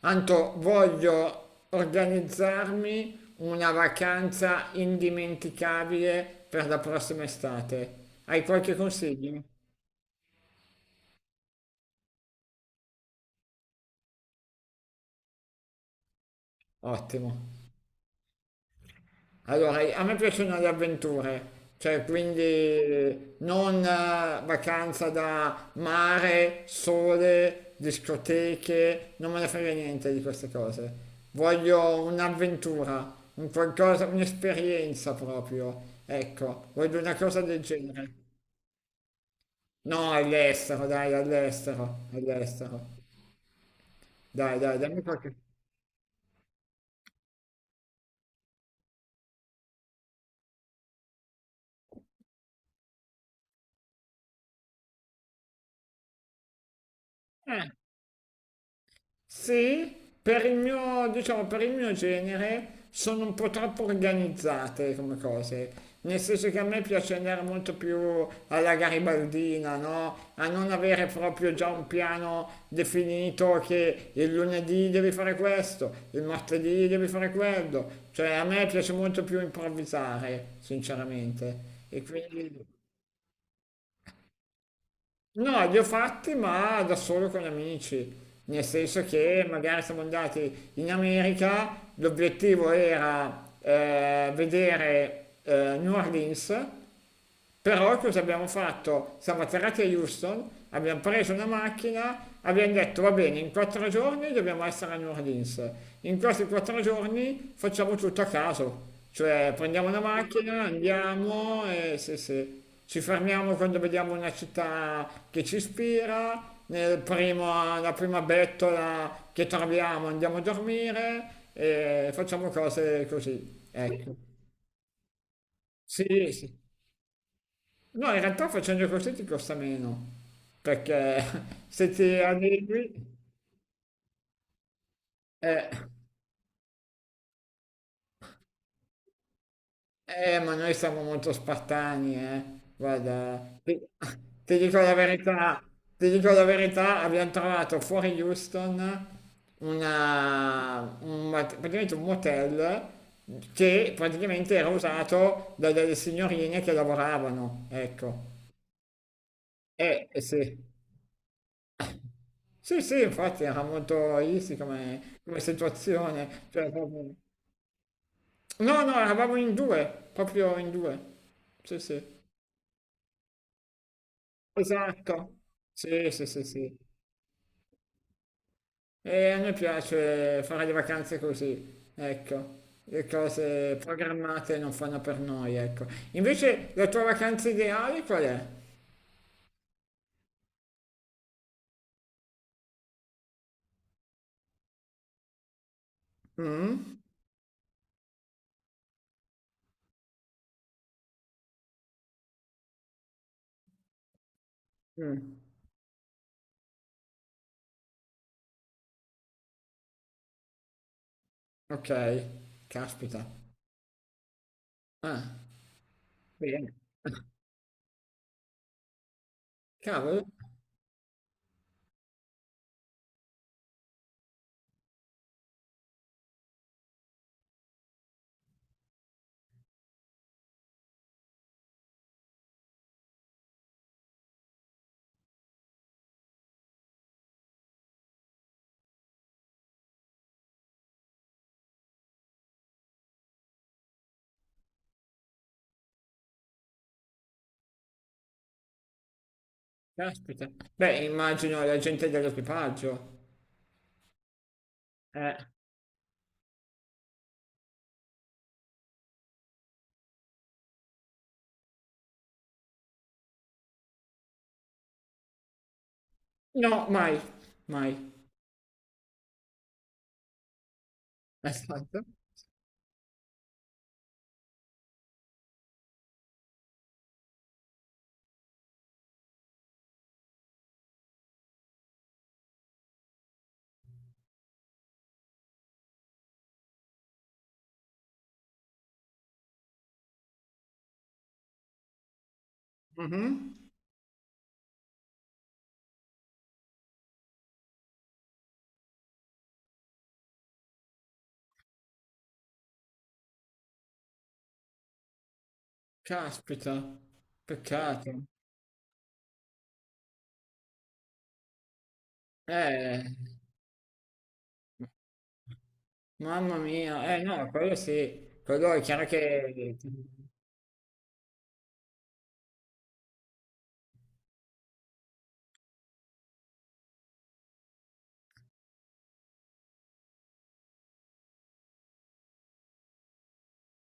Anto, voglio organizzarmi una vacanza indimenticabile per la prossima estate. Hai qualche consiglio? Ottimo. Allora, a me piacciono le avventure, cioè quindi non vacanza da mare, sole, discoteche, non me ne frega niente di queste cose. Voglio un'avventura, un qualcosa, un'esperienza proprio. Ecco, voglio una cosa del genere. No, all'estero, dai, all'estero, all'estero. Dai, dai, dammi qualche... Eh, sì, per il mio, diciamo, per il mio genere sono un po' troppo organizzate come cose. Nel senso che a me piace andare molto più alla garibaldina, no? A non avere proprio già un piano definito che il lunedì devi fare questo, il martedì devi fare quello. Cioè, a me piace molto più improvvisare, sinceramente. E quindi... No, li ho fatti ma da solo con amici, nel senso che magari siamo andati in America, l'obiettivo era vedere New Orleans, però cosa abbiamo fatto? Siamo atterrati a Houston, abbiamo preso una macchina, abbiamo detto va bene, in quattro giorni dobbiamo essere a New Orleans, in questi quattro giorni facciamo tutto a caso, cioè prendiamo una macchina, andiamo e sì, sì, ci fermiamo quando vediamo una città che ci ispira, la prima bettola che troviamo andiamo a dormire e facciamo cose così. Ecco. Sì, sì. No, in realtà facendo così ti costa meno, perché se ti adegui, eh, ma noi siamo molto spartani, eh. Guarda, ti dico la verità, abbiamo trovato fuori Houston praticamente un motel che praticamente era usato da delle signorine che lavoravano, ecco. Sì. Sì, sì, infatti era molto easy come, come situazione. Cioè, proprio- No, no, eravamo in due, proprio in due. Sì, sì. Esatto. Sì, sì, sì, sì. E a noi piace fare le vacanze così, ecco. Le cose programmate non fanno per noi, ecco. Invece la tua vacanza ideale qual è? Mm? Mm, ok, caspita. Ah, bene. Cavolo, caspita. Beh, immagino la gente dell'equipaggio. Eh. No, mai, mai. Esatto. Mh-mh. Caspita, peccato. Eh, mamma mia, eh no, quello sì, quello è chiaro che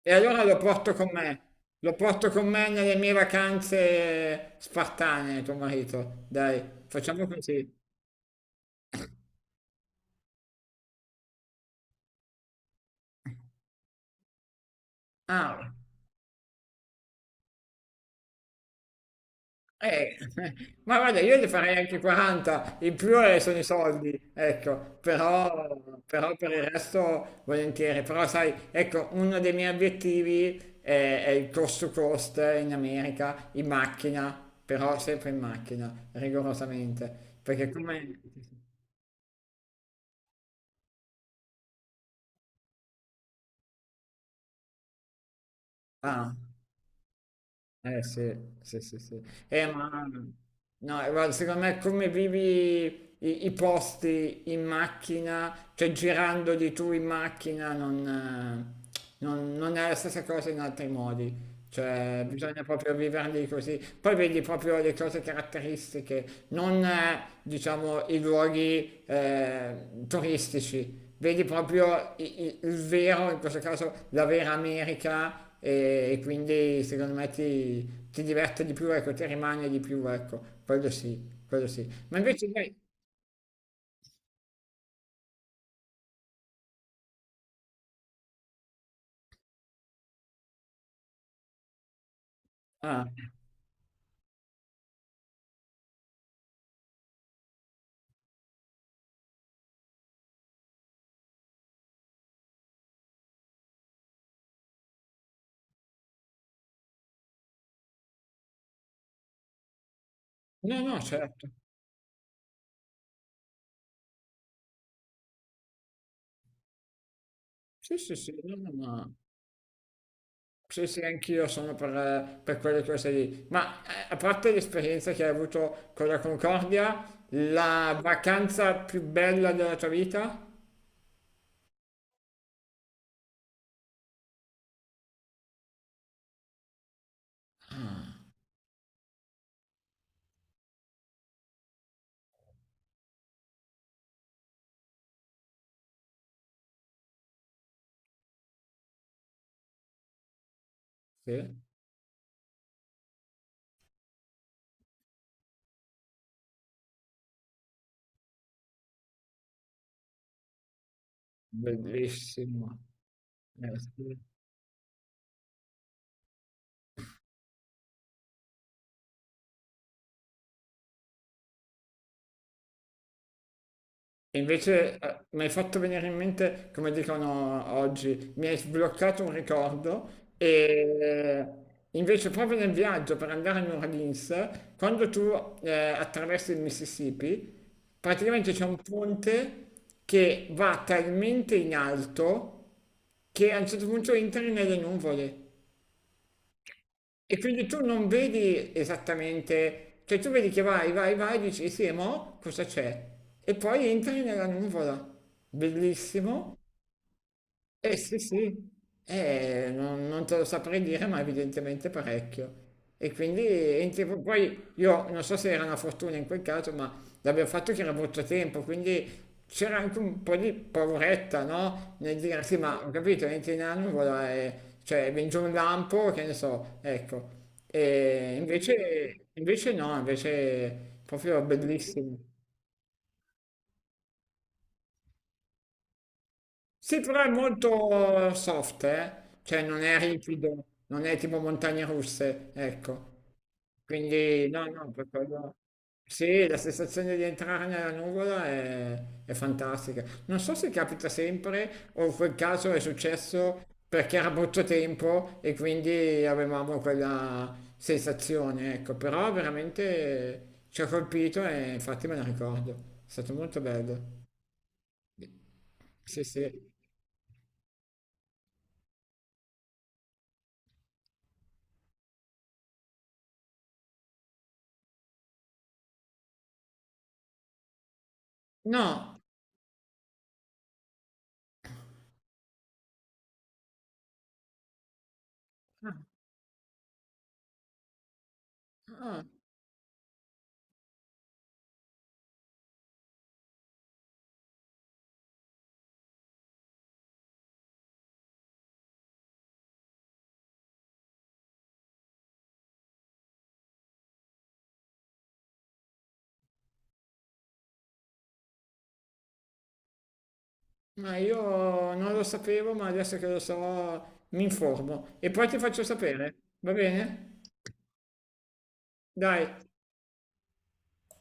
e allora lo porto con me, lo porto con me nelle mie vacanze spartane, tuo marito, dai, facciamo così. Ah. Eh, ma guarda, io ne farei anche 40, in più sono i soldi, ecco, però, però per il resto volentieri, però sai, ecco, uno dei miei obiettivi è il cost to cost in America, in macchina, però sempre in macchina, rigorosamente, perché come... Ah. Eh sì, sì, sì, sì. Ma no, guarda, secondo me come vivi i posti in macchina, cioè girandoli tu in macchina, non è la stessa cosa in altri modi. Cioè, bisogna proprio viverli così. Poi vedi proprio le cose caratteristiche, non diciamo i luoghi turistici, vedi proprio vero, in questo caso la vera America e quindi secondo me ti diverte di più, ecco, ti rimane di più, ecco, quello sì, quello sì. Ma invece dai, ah, no, no, certo, sì, sì, sì, no, no, ma- Sì, sì, anch'io sono per quelle cose lì. Ma a parte l'esperienza che hai avuto con la Concordia, la vacanza più bella della tua vita? Sì, bellissimo. Eh sì. E invece, mi hai fatto venire in mente, come dicono oggi, mi hai sbloccato un ricordo e invece proprio nel viaggio per andare a New Orleans, quando tu attraversi il Mississippi, praticamente c'è un ponte che va talmente in alto che a un certo punto entri nelle nuvole. E quindi tu non vedi esattamente, cioè tu vedi che vai, vai, vai, dici sì, e mo cosa c'è? E poi entri nella nuvola. Bellissimo, eh sì, sì, eh, non, non te lo saprei dire, ma evidentemente parecchio. E quindi entri- poi io non so se era una fortuna in quel caso, ma l'abbiamo fatto che era molto tempo, quindi c'era anche un po' di pauretta, no? Nel dire sì, ma ho capito, entri in annuvola e cioè vince un lampo, che ne so, ecco. E invece, invece no, invece proprio bellissimo. Sì, però è molto soft, eh? Cioè non è ripido, non è tipo montagne russe, ecco. Quindi no, no, per quello... Sì, la sensazione di entrare nella nuvola è fantastica. Non so se capita sempre o in quel caso è successo perché era brutto tempo e quindi avevamo quella sensazione, ecco. Però veramente ci ha colpito e infatti me la ricordo. È stato molto bello. Sì, sì. No, ah, ma io non lo sapevo, ma adesso che lo so, mi informo e poi ti faccio sapere, va bene? Dai,